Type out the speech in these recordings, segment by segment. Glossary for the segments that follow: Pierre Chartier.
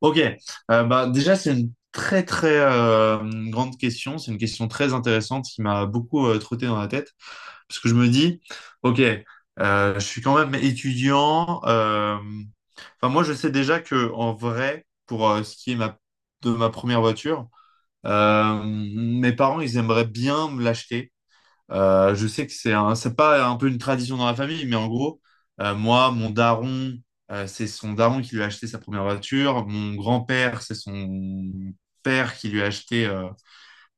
Ok. Déjà c'est une très très grande question, c'est une question très intéressante qui m'a beaucoup trotté dans la tête, parce que je me dis, ok, je suis quand même étudiant. Enfin moi je sais déjà que en vrai, pour ce qui est de ma première voiture, mes parents ils aimeraient bien me l'acheter. Je sais que c'est pas un peu une tradition dans la famille, mais en gros, moi, mon daron, c'est son daron qui lui a acheté sa première voiture. Mon grand-père, c'est son père qui lui a acheté euh,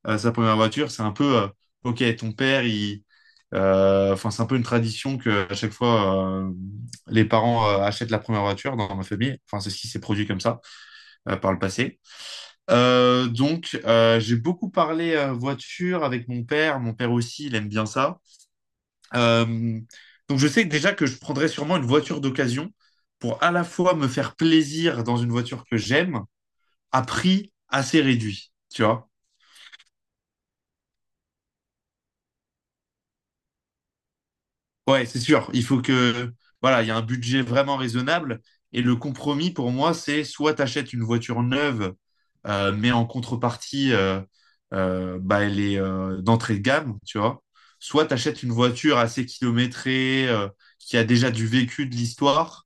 euh, sa première voiture. C'est un peu, ok, ton père, il, enfin, c'est un peu une tradition que à chaque fois, les parents achètent la première voiture dans ma famille. Enfin, c'est ce qui s'est produit comme ça par le passé. Donc j'ai beaucoup parlé voiture avec mon père. Mon père aussi, il aime bien ça. Euh, donc je sais déjà que je prendrais sûrement une voiture d'occasion pour à la fois me faire plaisir dans une voiture que j'aime à prix assez réduit, tu vois. Ouais, c'est sûr, il faut que voilà, il y a un budget vraiment raisonnable. Et le compromis pour moi c'est soit t'achètes une voiture neuve, mais en contrepartie, elle est d'entrée de gamme, tu vois. Soit t'achètes une voiture assez kilométrée, qui a déjà du vécu de l'histoire,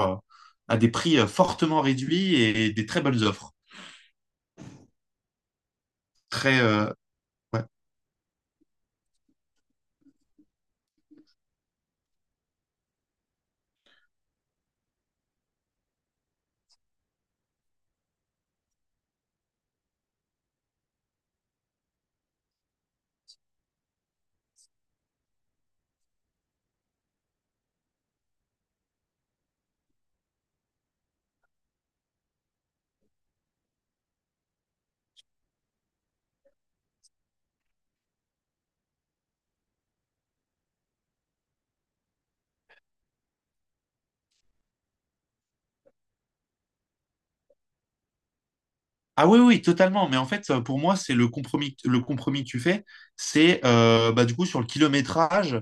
euh, à des prix fortement réduits et des très bonnes offres. Très, euh, ouais. Ah oui, oui, totalement. Mais en fait, pour moi, c'est le compromis que tu fais, c'est du coup sur le kilométrage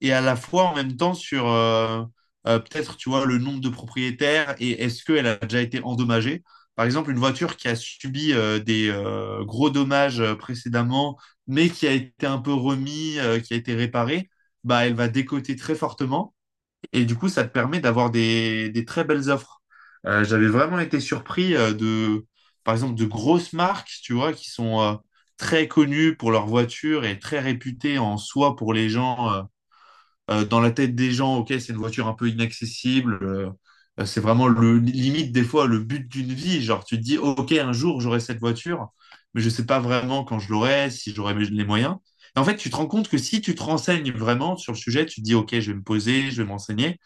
et à la fois en même temps sur peut-être, tu vois, le nombre de propriétaires et est-ce qu'elle a déjà été endommagée. Par exemple, une voiture qui a subi des gros dommages précédemment, mais qui a été un peu remis, qui a été réparée, bah, elle va décoter très fortement. Et du coup, ça te permet d'avoir des très belles offres. J'avais vraiment été surpris par exemple, de grosses marques, tu vois, qui sont très connues pour leurs voitures et très réputées en soi pour les gens. Dans la tête des gens, ok, c'est une voiture un peu inaccessible. C'est vraiment le limite des fois le but d'une vie. Genre, tu te dis, ok, un jour j'aurai cette voiture, mais je sais pas vraiment quand je l'aurai, si j'aurai les moyens. Et en fait, tu te rends compte que si tu te renseignes vraiment sur le sujet, tu te dis, ok, je vais me poser, je vais m'enseigner,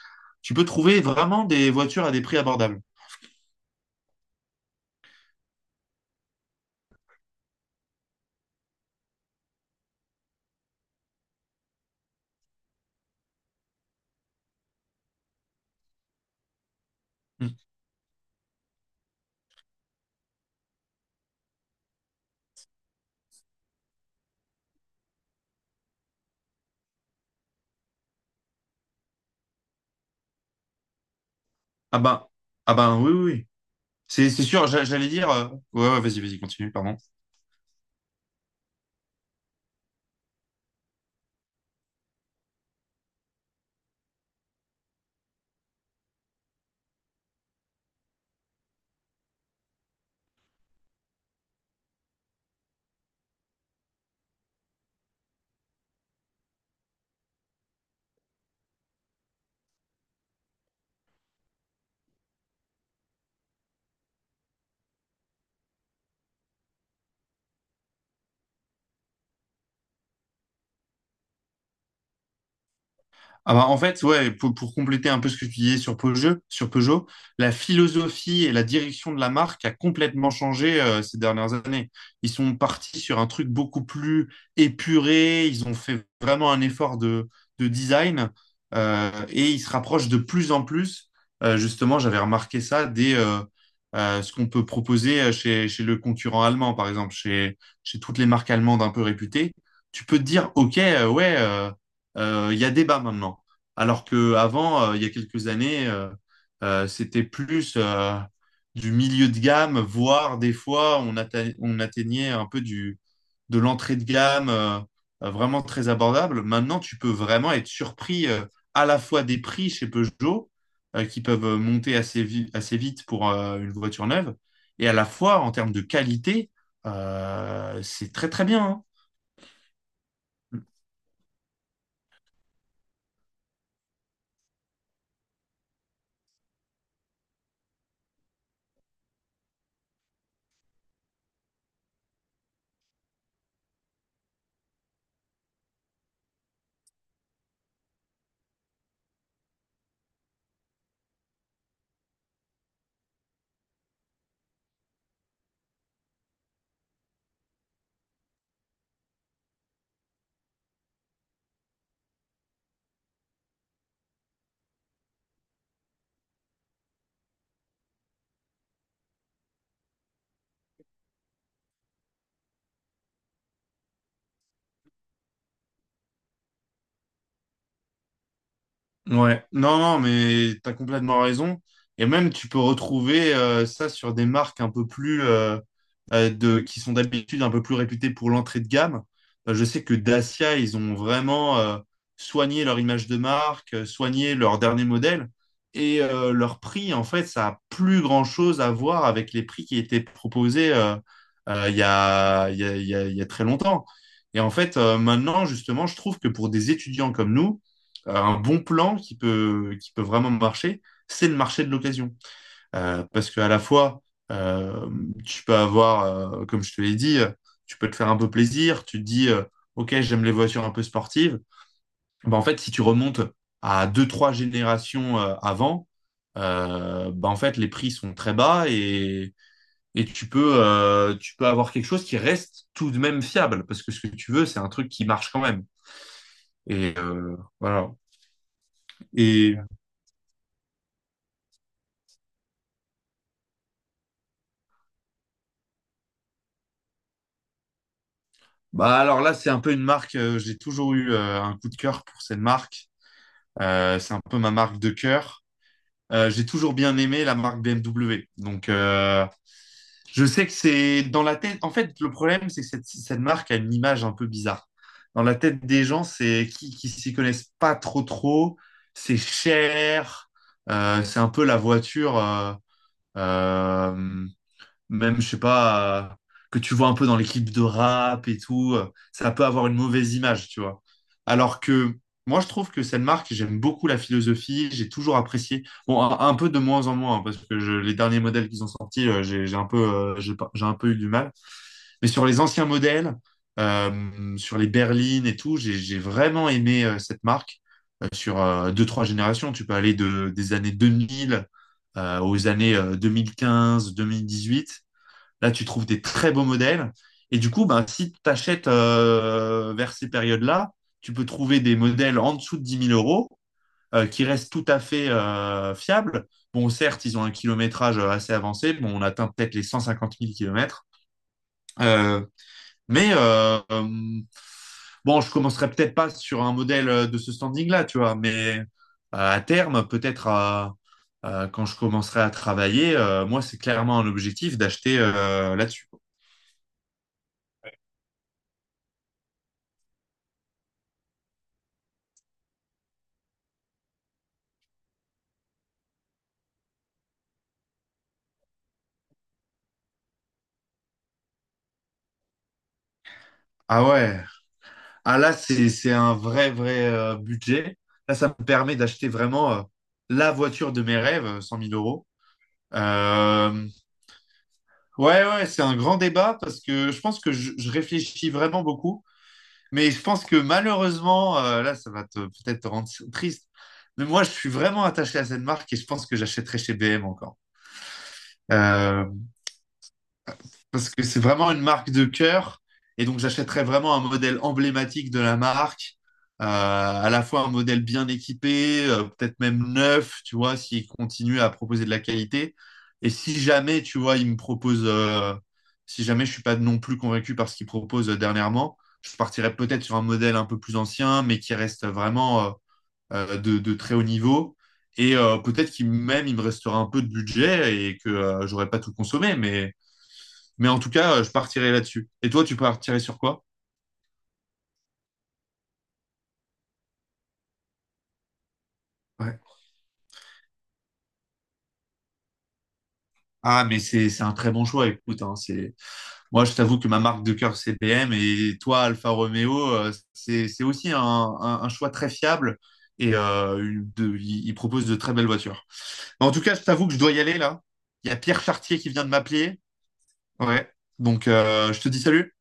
tu peux trouver vraiment des voitures à des prix abordables. Mm. Ah ben, ah ben, oui, oui, oui. C'est sûr, j'allais dire. Ouais, ouais, vas-y, vas-y, continue, pardon. Ah bah, en fait, ouais, pour compléter un peu ce que tu disais sur Peugeot, la philosophie et la direction de la marque a complètement changé ces dernières années. Ils sont partis sur un truc beaucoup plus épuré, ils ont fait vraiment un effort de design, et ils se rapprochent de plus en plus. Justement, j'avais remarqué ça des ce qu'on peut proposer chez le concurrent allemand, par exemple, chez toutes les marques allemandes un peu réputées. Tu peux te dire, OK, ouais. Il y a débat maintenant. Alors qu'avant, il y a quelques années, c'était plus du milieu de gamme, voire des fois, on atteignait un peu de l'entrée de gamme, vraiment très abordable. Maintenant, tu peux vraiment être surpris, à la fois des prix chez Peugeot, qui peuvent monter assez vite pour une voiture neuve, et à la fois en termes de qualité, c'est très très bien, hein. Ouais, non, non, mais t'as complètement raison. Et même, tu peux retrouver ça sur des marques un peu plus, qui sont d'habitude un peu plus réputées pour l'entrée de gamme. Je sais que Dacia, ils ont vraiment soigné leur image de marque, soigné leur dernier modèle. Et leur prix, en fait, ça a plus grand-chose à voir avec les prix qui étaient proposés, il y a, il y a, il y a il y a très longtemps. Et en fait, maintenant, justement, je trouve que pour des étudiants comme nous, un bon plan qui peut vraiment marcher, c'est le marché de l'occasion. Parce qu'à la fois, euh, tu peux avoir, comme je te l'ai dit, tu peux te faire un peu plaisir, tu te dis, OK, j'aime les voitures un peu sportives. Bah, en fait, si tu remontes à deux, trois générations avant, en fait, les prix sont très bas et tu peux avoir quelque chose qui reste tout de même fiable, parce que ce que tu veux, c'est un truc qui marche quand même. Et voilà. Et bah alors là, c'est un peu une marque. J'ai toujours eu un coup de cœur pour cette marque. C'est un peu ma marque de cœur. J'ai toujours bien aimé la marque BMW. Donc je sais que c'est dans la tête. En fait, le problème, c'est que cette marque a une image un peu bizarre. Dans la tête des gens, c'est qui s'y connaissent pas trop trop. C'est cher. C'est un peu la voiture, euh, même, je sais pas, que tu vois un peu dans les clips de rap et tout, ça peut avoir une mauvaise image, tu vois. Alors que moi, je trouve que cette marque, j'aime beaucoup la philosophie, j'ai toujours apprécié. Bon, un peu de moins en moins, hein, parce que les derniers modèles qu'ils ont sortis, j'ai un peu, j'ai pas- j'ai un peu eu du mal. Mais sur les anciens modèles, sur les berlines et tout, j'ai vraiment aimé cette marque sur deux, trois générations. Tu peux aller des années 2000 aux années 2015, 2018. Là, tu trouves des très beaux modèles. Et du coup, ben, si tu achètes vers ces périodes-là, tu peux trouver des modèles en dessous de 10 000 €, qui restent tout à fait fiables. Bon, certes, ils ont un kilométrage assez avancé. Bon, on atteint peut-être les 150 000 kilomètres. Euh, mais euh, euh, bon, je commencerai peut-être pas sur un modèle de ce standing-là, tu vois. Mais à terme, peut-être quand je commencerai à travailler, moi, c'est clairement un objectif d'acheter là-dessus. Ah ouais. Ah là, c'est un vrai, vrai budget. Là, ça me permet d'acheter vraiment la voiture de mes rêves, 100 000 euros. Euh, ouais, ouais, c'est un grand débat parce que je pense que je réfléchis vraiment beaucoup. Mais je pense que malheureusement, là, ça va peut-être te rendre triste. Mais moi, je suis vraiment attaché à cette marque et je pense que j'achèterai chez BM encore. Euh, Parce que c'est vraiment une marque de cœur. Et donc, j'achèterais vraiment un modèle emblématique de la marque, à la fois un modèle bien équipé, peut-être même neuf, tu vois, s'il continue à proposer de la qualité. Et si jamais, tu vois, il me propose, si jamais je suis pas non plus convaincu par ce qu'il propose dernièrement, je partirais peut-être sur un modèle un peu plus ancien, mais qui reste vraiment de très haut niveau. Et peut-être qu'il même il me restera un peu de budget et que j'aurais pas tout consommé, mais en tout cas, je partirais là-dessus. Et toi, tu partirais sur quoi? Ouais. Ah, mais c'est un très bon choix. Écoute, hein, c'est moi, je t'avoue que ma marque de cœur, c'est BM. Et toi, Alfa Romeo, c'est aussi un choix très fiable. Et il propose de très belles voitures. En tout cas, je t'avoue que je dois y aller là. Il y a Pierre Chartier qui vient de m'appeler. Ouais. Donc, je te dis salut.